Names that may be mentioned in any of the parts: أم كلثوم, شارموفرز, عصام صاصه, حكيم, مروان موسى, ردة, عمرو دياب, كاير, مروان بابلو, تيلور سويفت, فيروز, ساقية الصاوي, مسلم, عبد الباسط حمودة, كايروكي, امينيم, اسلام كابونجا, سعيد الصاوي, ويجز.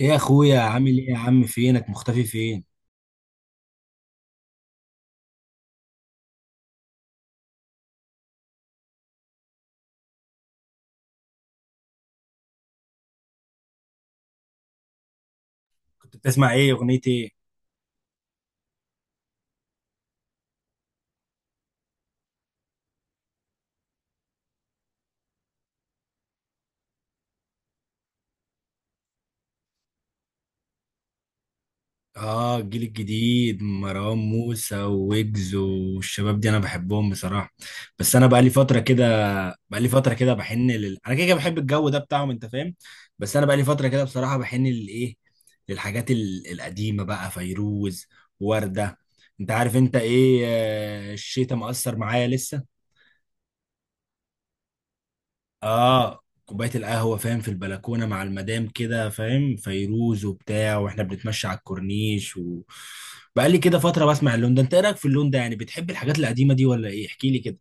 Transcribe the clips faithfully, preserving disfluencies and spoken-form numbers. ايه يا اخويا، عامل ايه يا عم؟ فينك مختفي فين؟ كنت بتسمع ايه؟ اغنية ايه؟ اه، الجيل الجديد مروان موسى وويجز والشباب دي انا بحبهم بصراحة. بس انا بقالي فترة كده بقالي فترة كده بحن لل... انا كده كده بحب الجو ده بتاعهم، انت فاهم؟ بس انا بقالي فترة كده بصراحة بحن للايه، للحاجات ال- القديمة بقى، فيروز، وردة. انت عارف انت ايه، آه، الشتا مأثر معايا لسه. اه، كوبايه القهوه فاهم، في البلكونه مع المدام كده فاهم، فيروز وبتاع، واحنا بنتمشى على الكورنيش، و بقالي كده فتره بسمع اللون ده. انت ايه رايك في اللون ده؟ يعني بتحب الحاجات القديمه دي ولا ايه؟ احكي لي كده.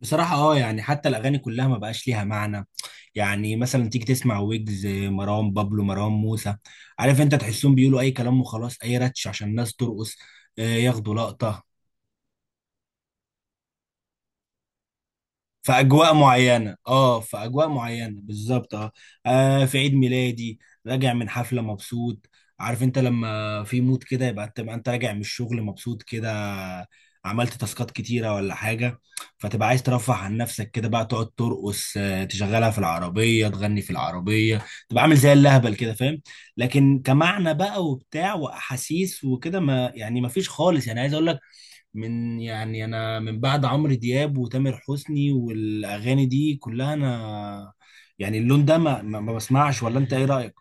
بصراحة اه، يعني حتى الأغاني كلها ما بقاش ليها معنى. يعني مثلا تيجي تسمع ويجز، مروان بابلو، مروان موسى، عارف انت، تحسهم بيقولوا أي كلام وخلاص، أي رتش عشان الناس ترقص، آه، ياخدوا لقطة. في اجواء معينه اه، في اجواء معينه بالظبط، اه. آه، في عيد ميلادي، راجع من حفله مبسوط، عارف انت؟ لما في مود كده، يبقى انت انت راجع من الشغل مبسوط كده، عملت تاسكات كتيره ولا حاجه، فتبقى عايز ترفه عن نفسك كده بقى، تقعد ترقص، آه، تشغلها في العربيه، تغني في العربيه، تبقى عامل زي اللهبل كده، فاهم؟ لكن كمعنى بقى وبتاع واحاسيس وكده، ما يعني ما فيش خالص. يعني عايز اقول لك، من يعني، انا من بعد عمرو دياب وتامر حسني والاغاني دي كلها، انا يعني اللون ده ما, ما ما بسمعش. ولا انت ايه رايك؟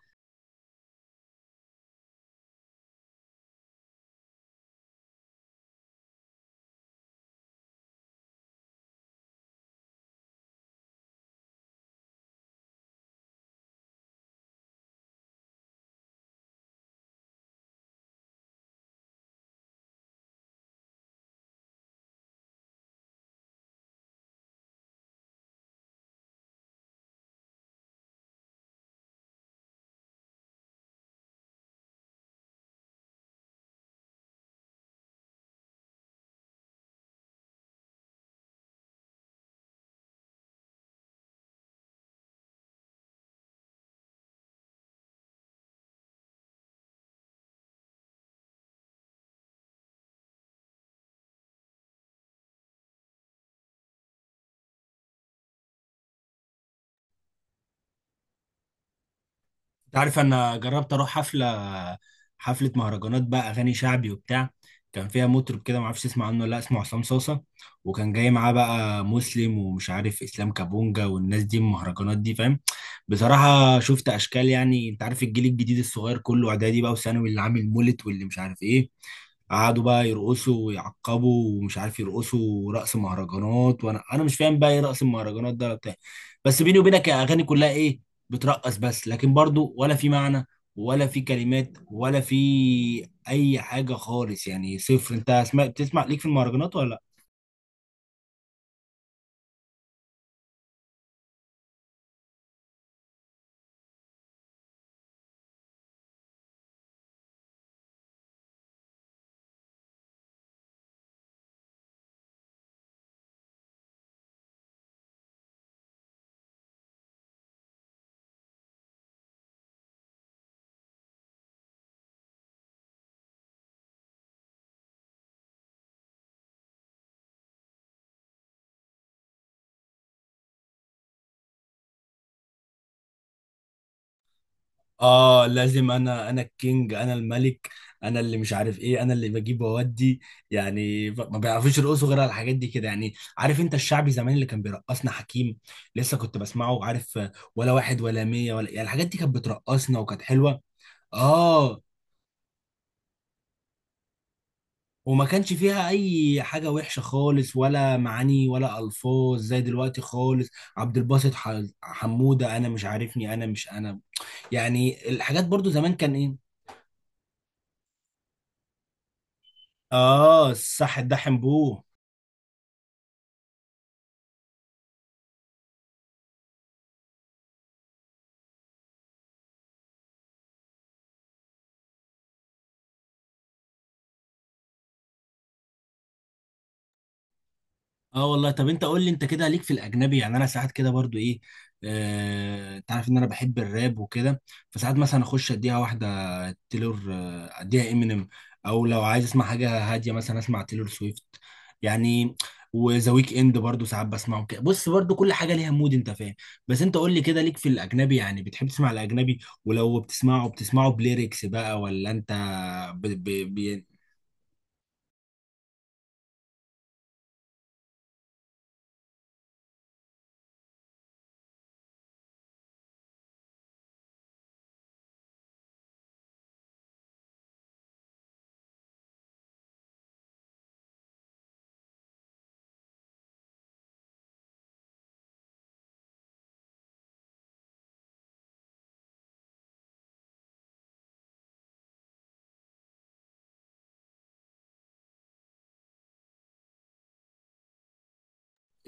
انت عارف انا جربت اروح حفله، حفله مهرجانات بقى، اغاني شعبي وبتاع. كان فيها مطرب كده، ما اعرفش اسمع عنه ولا لأ، اسمه عصام صاصه. وكان جاي معاه بقى مسلم، ومش عارف، اسلام كابونجا، والناس دي المهرجانات دي، فاهم؟ بصراحه شفت اشكال. يعني انت عارف الجيل الجديد الصغير، كله اعدادي بقى وثانوي، اللي عامل مولد واللي مش عارف ايه، قعدوا بقى يرقصوا ويعقبوا ومش عارف، يرقصوا رقص مهرجانات، وانا انا مش فاهم بقى ايه رقص المهرجانات ده ولا بتاع. بس بيني وبينك، الاغاني كلها ايه، بترقص بس، لكن برضو ولا في معنى ولا في كلمات ولا في اي حاجه خالص. يعني صفر. انت سمعت؟ بتسمع ليك في المهرجانات ولا؟ اه، لازم انا انا الكينج، انا الملك، انا اللي مش عارف ايه، انا اللي بجيب واودي. يعني ب- ما بيعرفوش يرقصوا غير على الحاجات دي كده. يعني عارف انت الشعبي زمان اللي كان بيرقصنا، حكيم لسه كنت بسمعه، عارف؟ آه، ولا واحد ولا مية ولا، يعني الحاجات دي كانت بترقصنا وكانت حلوة. اه، وما كانش فيها اي حاجة وحشة خالص، ولا معاني ولا الفاظ زي دلوقتي خالص. عبد الباسط ح- حمودة، انا مش عارفني، انا مش انا، يعني الحاجات برضو زمان كان ايه. اه، صح، ده حنبوه. اه والله. طب انت قول لي، انت كده ليك في الاجنبي؟ يعني انا ساعات كده برضو ايه، آه، انت عارف ان انا بحب الراب وكده، فساعات مثلا اخش اديها واحده تيلور، آه، اديها امينيم. او لو عايز اسمع حاجه هاديه، مثلا اسمع تيلور سويفت، يعني. وذا ويك اند برضو ساعات بسمعه كده. بص، برضو كل حاجه ليها مود، انت فاهم؟ بس انت قول لي كده، ليك في الاجنبي؟ يعني بتحب تسمع الاجنبي؟ ولو بتسمعه بتسمعه بليركس بقى ولا انت ب... ب... ب...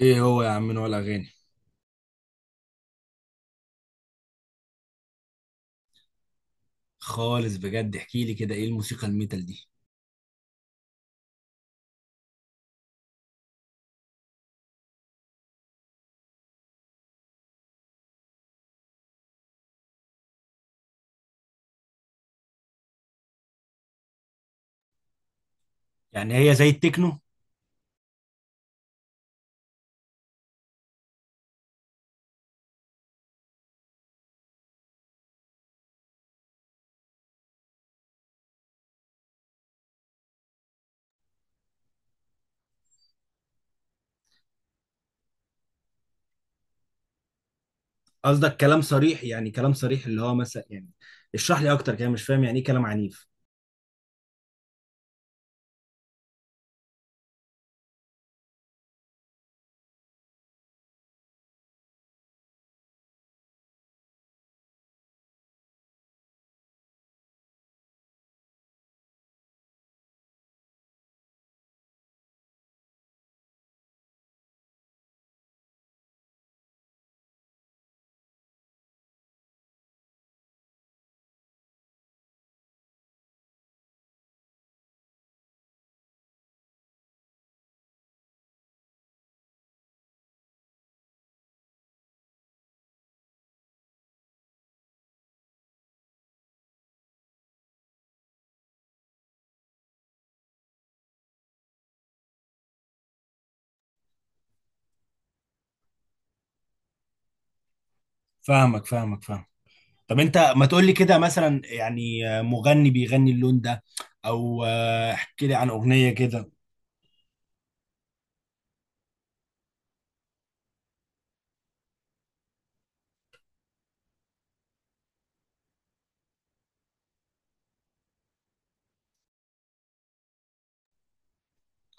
ايه هو يا عم، نوع الاغاني؟ خالص، بجد احكي لي كده، ايه الموسيقى الميتال دي؟ يعني هي زي التكنو؟ قصدك كلام صريح؟ يعني كلام صريح اللي هو مثلا، يعني اشرح لي اكتر كده، مش فاهم يعني ايه كلام عنيف. فاهمك، فاهمك، فاهم. طب انت ما تقول لي كده مثلا، يعني آه، مغني بيغني اللون ده، او آه، احكي لي عن اغنية كده.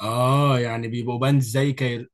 اه، يعني بيبقوا باند زي كاير.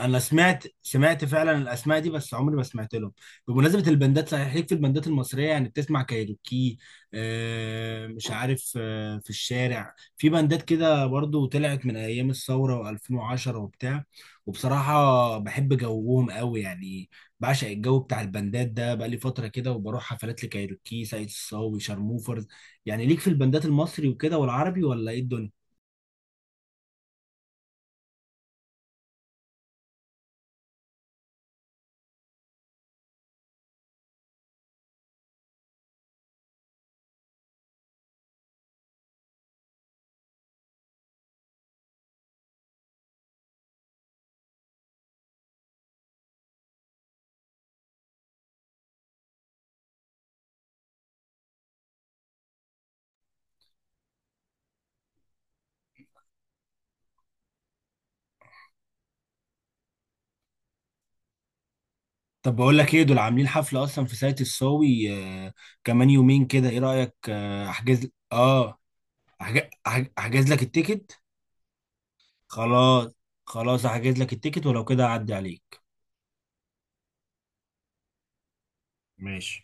انا سمعت، سمعت فعلا الاسماء دي، بس عمري ما سمعت لهم. بمناسبه البندات، صحيح، ليك في البندات المصريه؟ يعني بتسمع كايروكي، آه مش عارف آه، في الشارع، في بندات كده برضو طلعت من ايام الثوره و2010 وبتاع، وبصراحه بحب جوهم قوي يعني. بعشق الجو بتاع البندات ده بقالي فتره كده، وبروح حفلات لكايروكي، سعيد الصاوي، شارموفرز. يعني ليك في البندات المصري وكده والعربي ولا ايه الدنيا؟ طب بقول لك ايه، دول عاملين حفلة اصلا في ساقية الصاوي، آه، كمان يومين كده، ايه رأيك؟ آه، احجز؟ اه. أحج- أحج- احجز لك التيكت. خلاص. خلاص، احجز لك التيكت، ولو كده اعدي عليك. ماشي.